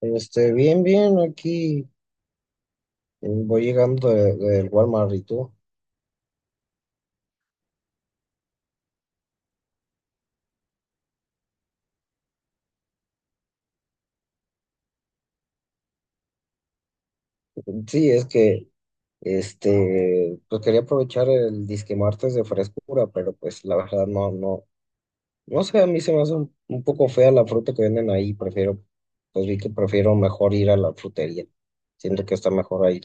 Bien, bien, aquí voy llegando del Walmart, ¿y tú? Sí, es que, pues quería aprovechar el disque martes de frescura, pero pues la verdad no, no sé, a mí se me hace un poco fea la fruta que venden ahí, prefiero, pues vi que prefiero mejor ir a la frutería, siento que está mejor ahí.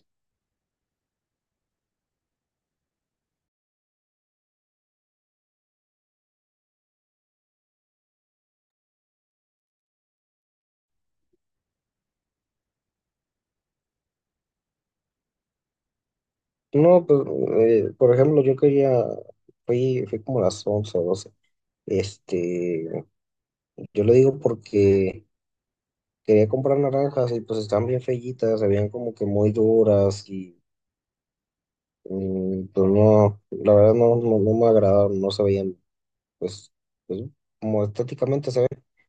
No, pues, por ejemplo, yo quería, fui como a las 11 o 12, este, yo lo digo porque… Quería comprar naranjas y pues están bien feyitas, se veían como que muy duras y pues no, la verdad no me agradaron, no se veían, pues, pues, como estéticamente se ve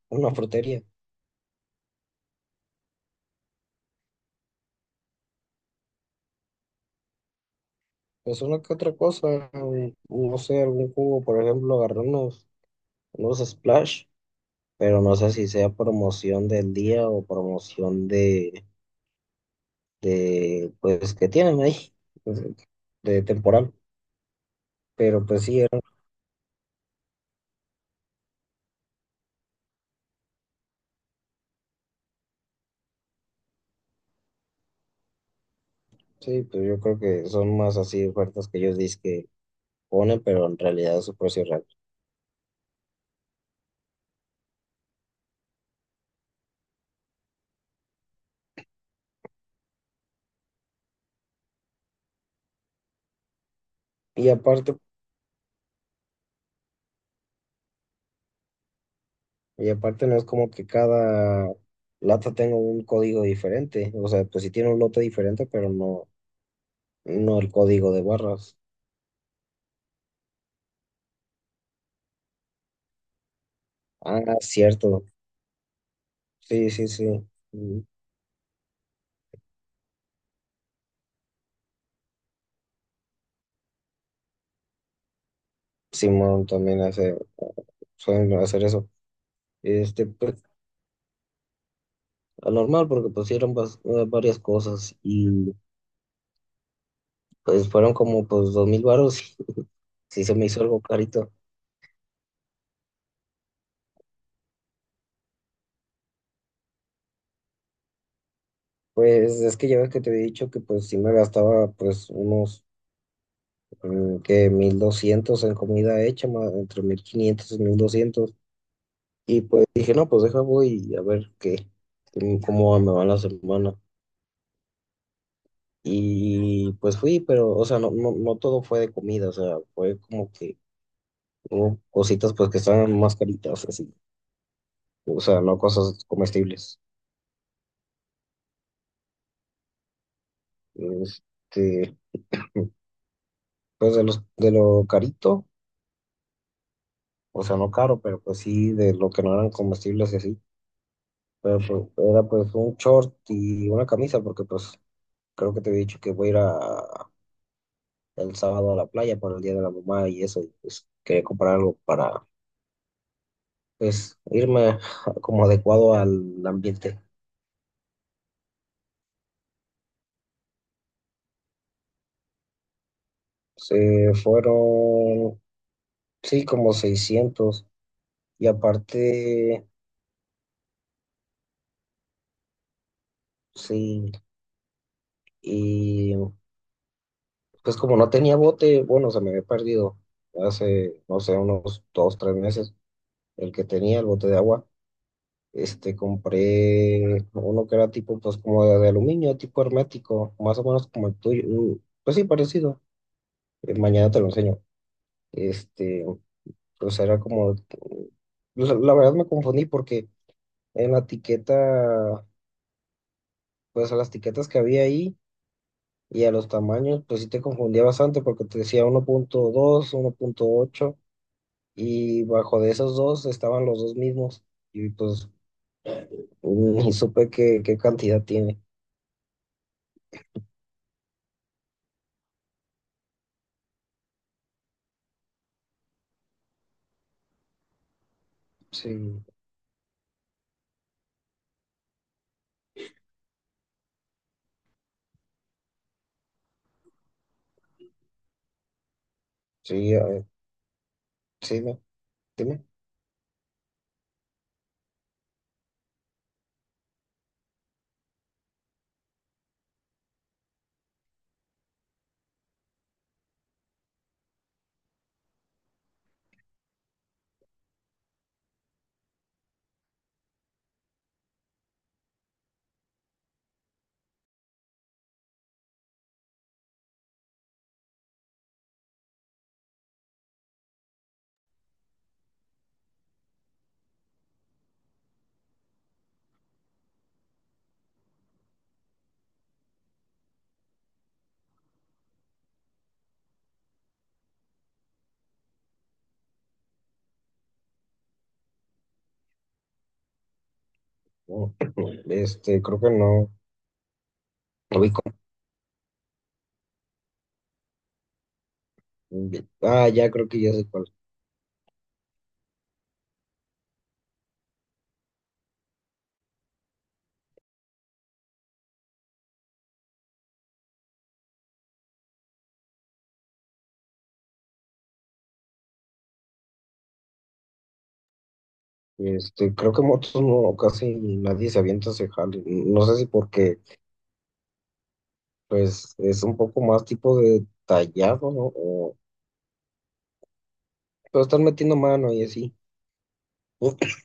una frutería. Pues una que otra cosa, no sé, algún jugo, por ejemplo, agarré unos Splash, pero no sé si sea promoción del día o promoción de pues, que tienen ahí, pues, de temporal. Pero pues sí. Sí, pues yo creo que son más así ofertas que ellos dicen que ponen, pero en realidad es su precio real. Y aparte, y aparte no es como que cada lata tenga un código diferente. O sea, pues sí tiene un lote diferente, pero no, no el código de barras. Ah, cierto. Sí, sí, sí. Mm. Simón también hace, Suelen hacer eso. Este, pues, a normal, porque pusieron varias cosas y pues fueron como pues 2000 varos. Sí se me hizo algo carito. Pues es que ya ves que te había dicho que pues sí me gastaba pues que 1200 en comida hecha, entre 1500 y 1200. Y pues dije, no, pues deja voy a ver qué, cómo me va la semana. Y pues fui, pero o sea, no todo fue de comida, o sea, fue como que hubo cositas pues que estaban más caritas, así. O sea, no cosas comestibles. Este, pues de lo carito, o sea, no caro, pero pues sí de lo que no eran comestibles y así. Pero pues, era pues un short y una camisa, porque pues creo que te había dicho que voy a ir a- el sábado a la playa para el Día de la Mamá y eso, y pues quería comprar algo para pues irme como adecuado al ambiente. Se fueron, sí, como 600 y aparte, sí, y pues como no tenía bote, bueno, se me había perdido hace, no sé, unos dos, tres meses el que tenía el bote de agua. Compré uno que era tipo, pues como de aluminio, tipo hermético, más o menos como el tuyo. Pues sí, parecido. Mañana te lo enseño. Este, pues era como, la verdad me confundí porque en la etiqueta, pues a las etiquetas que había ahí y a los tamaños, pues sí te confundía bastante porque te decía 1.2, 1.8, y bajo de esos dos estaban los dos mismos y pues ni supe qué, qué cantidad tiene. Sí, sí. Sí, no, dime. No. Creo que no. Lo vi. Ah, ya creo que ya sé cuál. Creo que motos no, casi nadie se avienta a ese jale. No sé si porque, pues, es un poco más tipo de tallado, ¿no? O, pero están metiendo mano y así.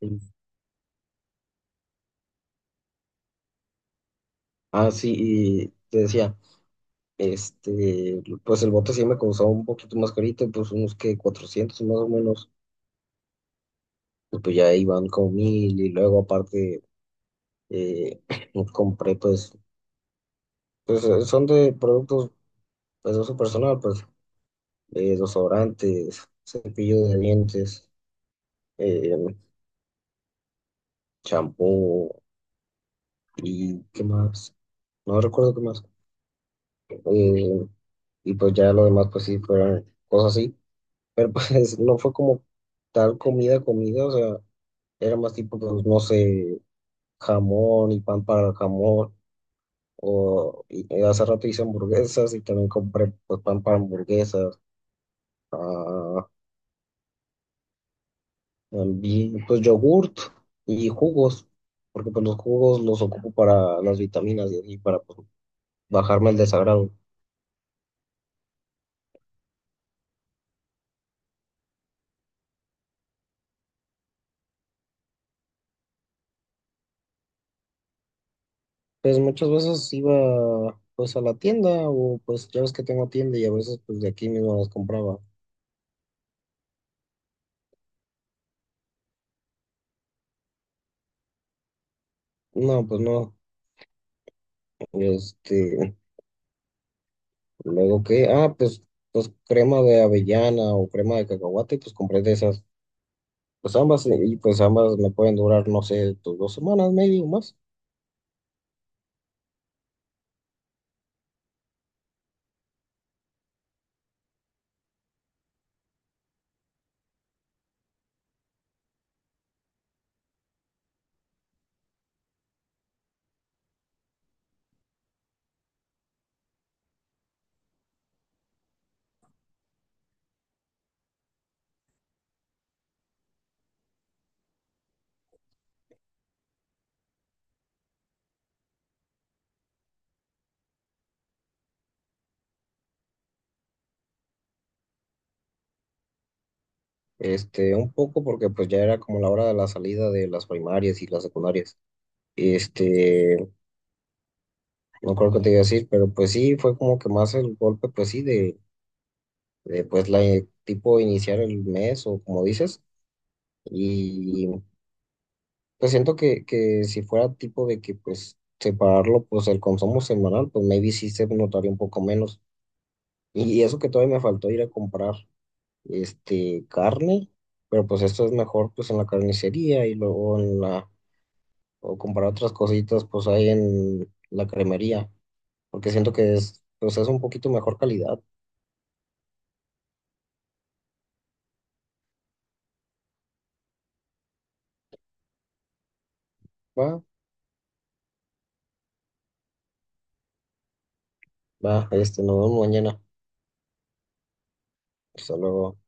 Sí. Ah, sí, y te decía, pues el bote sí me costaba un poquito más carito, pues unos que 400 más o menos, y pues ya iban como mil, y luego aparte eh, compré pues… Pues son de productos pues, de uso personal, pues desodorantes, cepillo de dientes, eh, champú y qué más. No recuerdo qué más. Eh, y pues ya lo demás, pues sí, fueron cosas así. Pero pues no fue como tal comida, o sea, era más tipo, pues no sé, jamón y pan para el jamón. Hace rato hice hamburguesas y también compré pues, pan para hamburguesas. Ah, también, pues yogurt y jugos, porque pues los jugos los ocupo para las vitaminas y así, para pues, bajarme el desagrado. Pues muchas veces iba pues a la tienda o pues ya ves que tengo tienda y a veces pues de aquí mismo las compraba. No, pues no. Este, Luego que, ah, pues, pues crema de avellana o crema de cacahuate, pues compré de esas. Pues ambas, y pues ambas me pueden durar, no sé, pues, dos semanas, medio más. Un poco porque pues ya era como la hora de la salida de las primarias y las secundarias. Este, no creo que te iba a decir, pero pues sí, fue como que más el golpe, pues sí, de pues la tipo iniciar el mes o como dices. Y pues siento que si fuera tipo de que pues separarlo, pues el consumo semanal, pues maybe sí se notaría un poco menos. Y eso que todavía me faltó ir a comprar, carne, pero pues esto es mejor pues en la carnicería y luego en la o comprar otras cositas pues ahí en la cremería, porque siento que es, pues es un poquito mejor calidad. Va, va, nos vemos mañana. Hasta luego.